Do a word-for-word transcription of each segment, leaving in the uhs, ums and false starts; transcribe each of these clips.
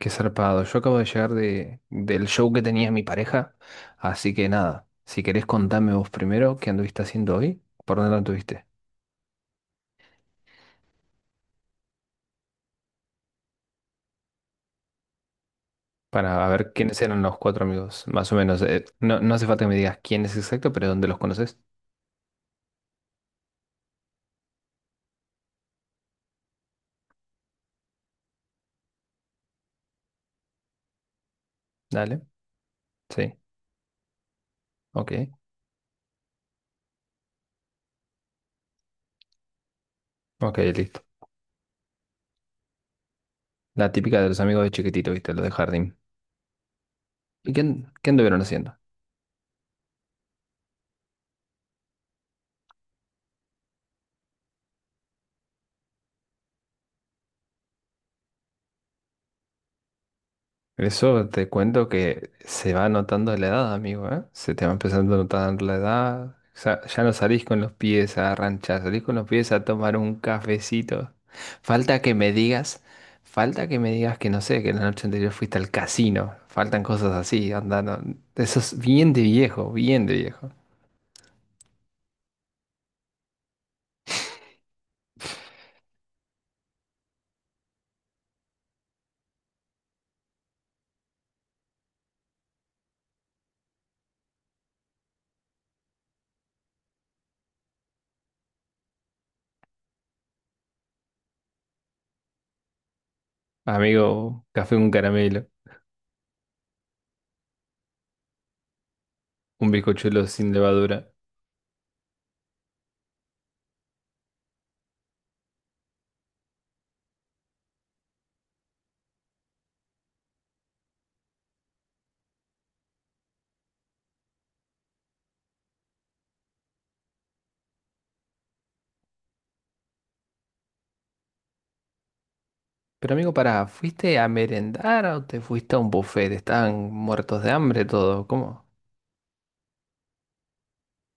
Qué zarpado. Yo acabo de llegar de, del show que tenía mi pareja. Así que nada, si querés contame vos primero qué anduviste haciendo hoy, por dónde anduviste, para ver quiénes eran los cuatro amigos, más o menos. Eh, no, no hace falta que me digas quién es exacto, pero dónde los conoces. Dale. Sí. Ok. Ok, listo. La típica de los amigos de chiquitito, viste, los de jardín. ¿Y qué, an- qué anduvieron haciendo? Eso te cuento que se va notando la edad, amigo, ¿eh? Se te va empezando a notar la edad. O sea, ya no salís con los pies a ranchar, salís con los pies a tomar un cafecito. Falta que me digas, falta que me digas que no sé, que la noche anterior fuiste al casino. Faltan cosas así, andando. Eso es bien de viejo, bien de viejo. Amigo, café con caramelo, un bizcochuelo sin levadura. Pero amigo, pará, ¿fuiste a merendar o te fuiste a un buffet? Estaban muertos de hambre todo, ¿cómo?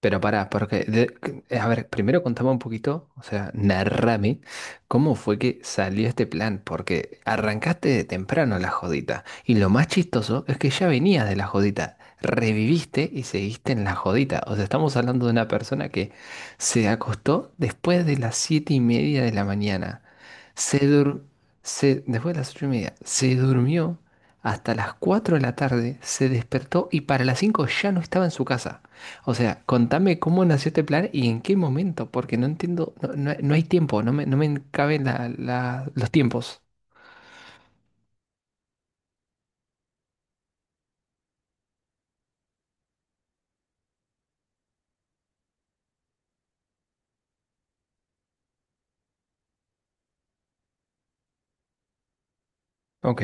Pero pará, porque, de- eh, a ver, primero contame un poquito, o sea, narrame cómo fue que salió este plan, porque arrancaste de temprano la jodita, y lo más chistoso es que ya venías de la jodita, reviviste y seguiste en la jodita, o sea, estamos hablando de una persona que se acostó después de las siete y media de la mañana, se dur- se, después de las ocho y media, se durmió hasta las cuatro de la tarde, se despertó y para las cinco ya no estaba en su casa. O sea, contame cómo nació este plan y en qué momento, porque no entiendo, no, no- no hay tiempo, no me, no me caben la- la- los tiempos. Ok,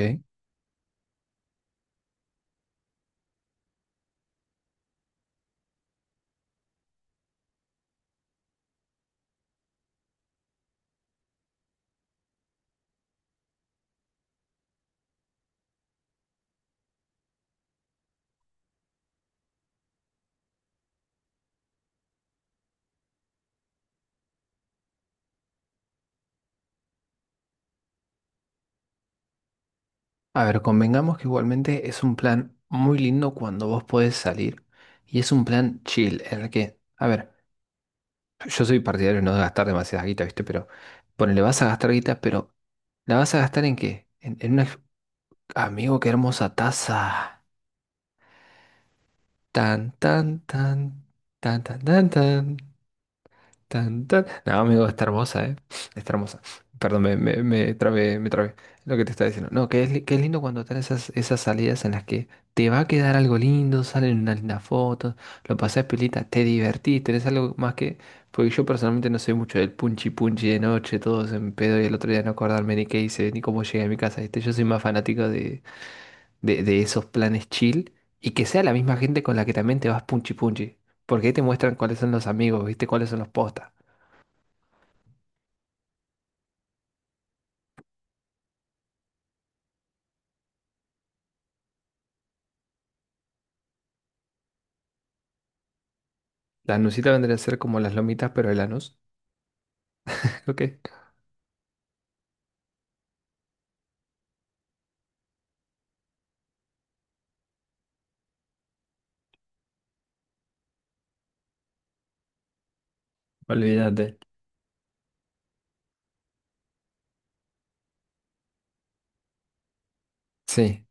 a ver, convengamos que igualmente es un plan muy lindo cuando vos podés salir y es un plan chill en el que, a ver, yo soy partidario de no gastar demasiada guita, ¿viste? Pero ponele, vas a gastar guita, pero ¿la vas a gastar en qué? En, en una... ex- Amigo, qué hermosa taza. Tan, tan, tan, tan, tan, tan, tan. Tan, tan. No, amigo, está hermosa, ¿eh? Está hermosa. Perdón, me, me, me trabé, me trabé. Lo que te estaba diciendo. No, que es, li- que es lindo cuando están esas, esas salidas en las que te va a quedar algo lindo, salen unas lindas fotos, lo pasás pilita, te divertís, tenés algo más que... Porque yo personalmente no soy mucho del punchi punchi de noche, todos en pedo y el otro día no acordarme ni qué hice, ni cómo llegué a mi casa, ¿viste? Yo soy más fanático de, de, de esos planes chill y que sea la misma gente con la que también te vas punchi punchi. Porque ahí te muestran cuáles son los amigos, ¿viste? Cuáles son los postas. La anusita vendría a ser como las lomitas, pero el anus. Ok. Olvídate. Sí.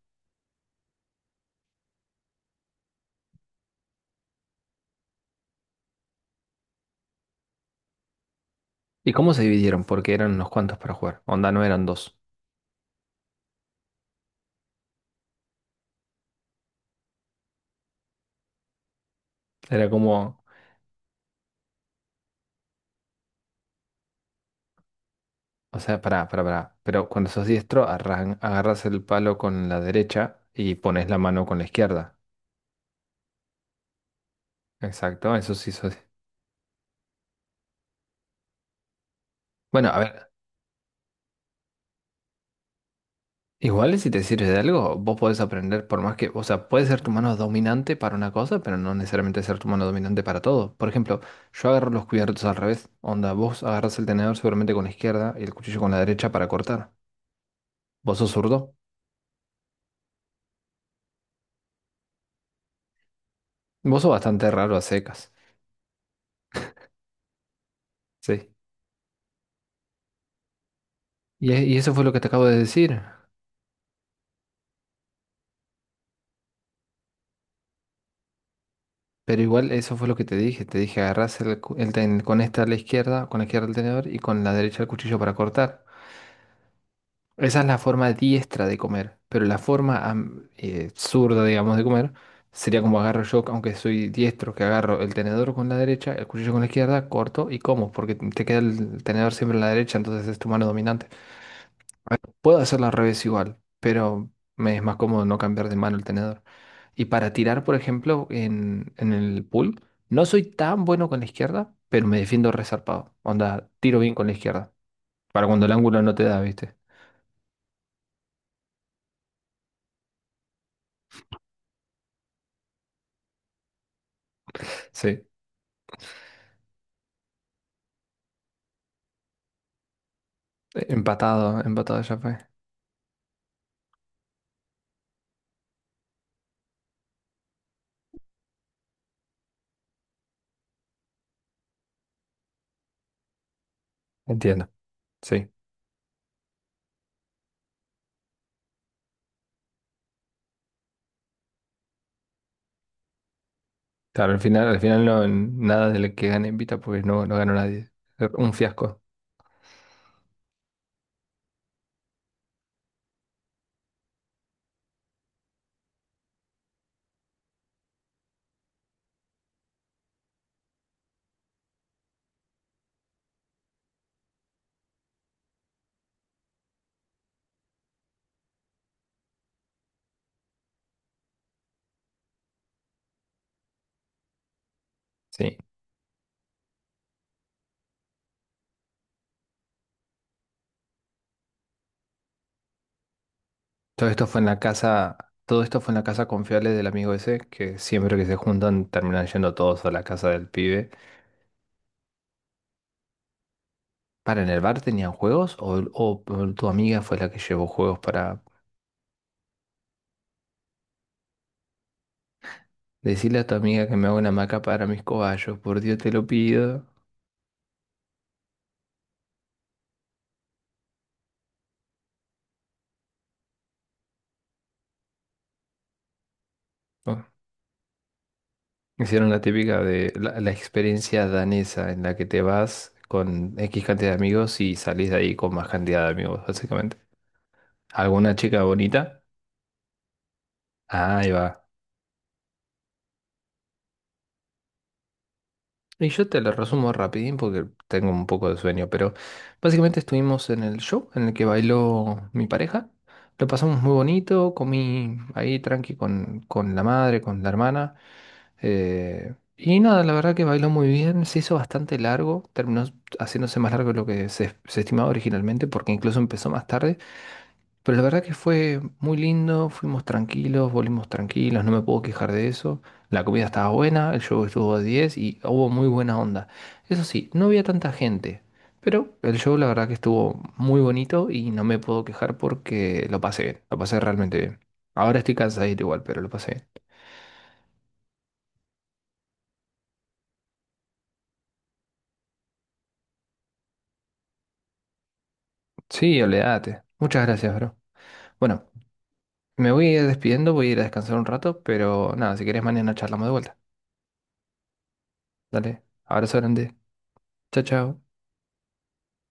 ¿Y cómo se dividieron? Porque eran unos cuantos para jugar. Onda, no eran dos. Era como, o sea, pará, pará, pará. Pero cuando sos diestro, arran- agarras el palo con la derecha y pones la mano con la izquierda. Exacto, eso sí sos. Bueno, a ver, igual y si te sirve de algo, vos podés aprender por más que, o sea, puede ser tu mano dominante para una cosa, pero no necesariamente ser tu mano dominante para todo. Por ejemplo, yo agarro los cubiertos al revés. Onda, vos agarras el tenedor seguramente con la izquierda y el cuchillo con la derecha para cortar. Vos sos zurdo. Vos sos bastante raro a secas. Sí. Y, e- y eso fue lo que te acabo de decir. Pero igual eso fue lo que te dije. Te dije agarrás el, cu- el ten- con esta a la izquierda, con la izquierda el tenedor y con la derecha el cuchillo para cortar. Esa es la forma diestra de comer, pero la forma am- eh, zurda, digamos, de comer sería como agarro yo, aunque soy diestro, que agarro el tenedor con la derecha, el cuchillo con la izquierda, corto y como, porque te queda el tenedor siempre en la derecha, entonces es tu mano dominante. Puedo hacerlo al revés igual, pero me es más cómodo no cambiar de mano el tenedor. Y para tirar, por ejemplo, en, en el pool, no soy tan bueno con la izquierda, pero me defiendo resarpado. Onda, tiro bien con la izquierda, para cuando el ángulo no te da, ¿viste? Sí. Empatado, empatado ya fue. Entiendo. Sí. Claro, al final, al final no, nada de lo que gane invita porque no, no ganó nadie. Un fiasco. Sí. Todo esto fue en la casa, todo esto fue en la casa confiable del amigo ese, que siempre que se juntan terminan yendo todos a la casa del pibe. ¿Para en el bar tenían juegos? ¿O, o tu amiga fue la que llevó juegos para decirle a tu amiga que me haga una maca para mis cobayos? Por Dios te lo pido. Hicieron la típica de la, la experiencia danesa en la que te vas con X cantidad de amigos y salís de ahí con más cantidad de amigos, básicamente. ¿Alguna chica bonita? Ah, ahí va. Y yo te lo resumo rapidín porque tengo un poco de sueño, pero básicamente estuvimos en el show en el que bailó mi pareja. Lo pasamos muy bonito, comí ahí tranqui con, con la madre, con la hermana. Eh, y nada, la verdad que bailó muy bien, se hizo bastante largo, terminó haciéndose más largo de lo que se, se estimaba originalmente, porque incluso empezó más tarde, pero la verdad que fue muy lindo, fuimos tranquilos, volvimos tranquilos, no me puedo quejar de eso, la comida estaba buena, el show estuvo a diez y hubo muy buena onda. Eso sí, no había tanta gente, pero el show la verdad que estuvo muy bonito y no me puedo quejar porque lo pasé bien, lo pasé realmente bien. Ahora estoy cansadito igual, pero lo pasé bien. Sí, olvídate. Muchas gracias, bro. Bueno, me voy a ir despidiendo, voy a ir a descansar un rato, pero nada, si querés mañana charlamos de vuelta. Dale, abrazo grande. Chao, chao.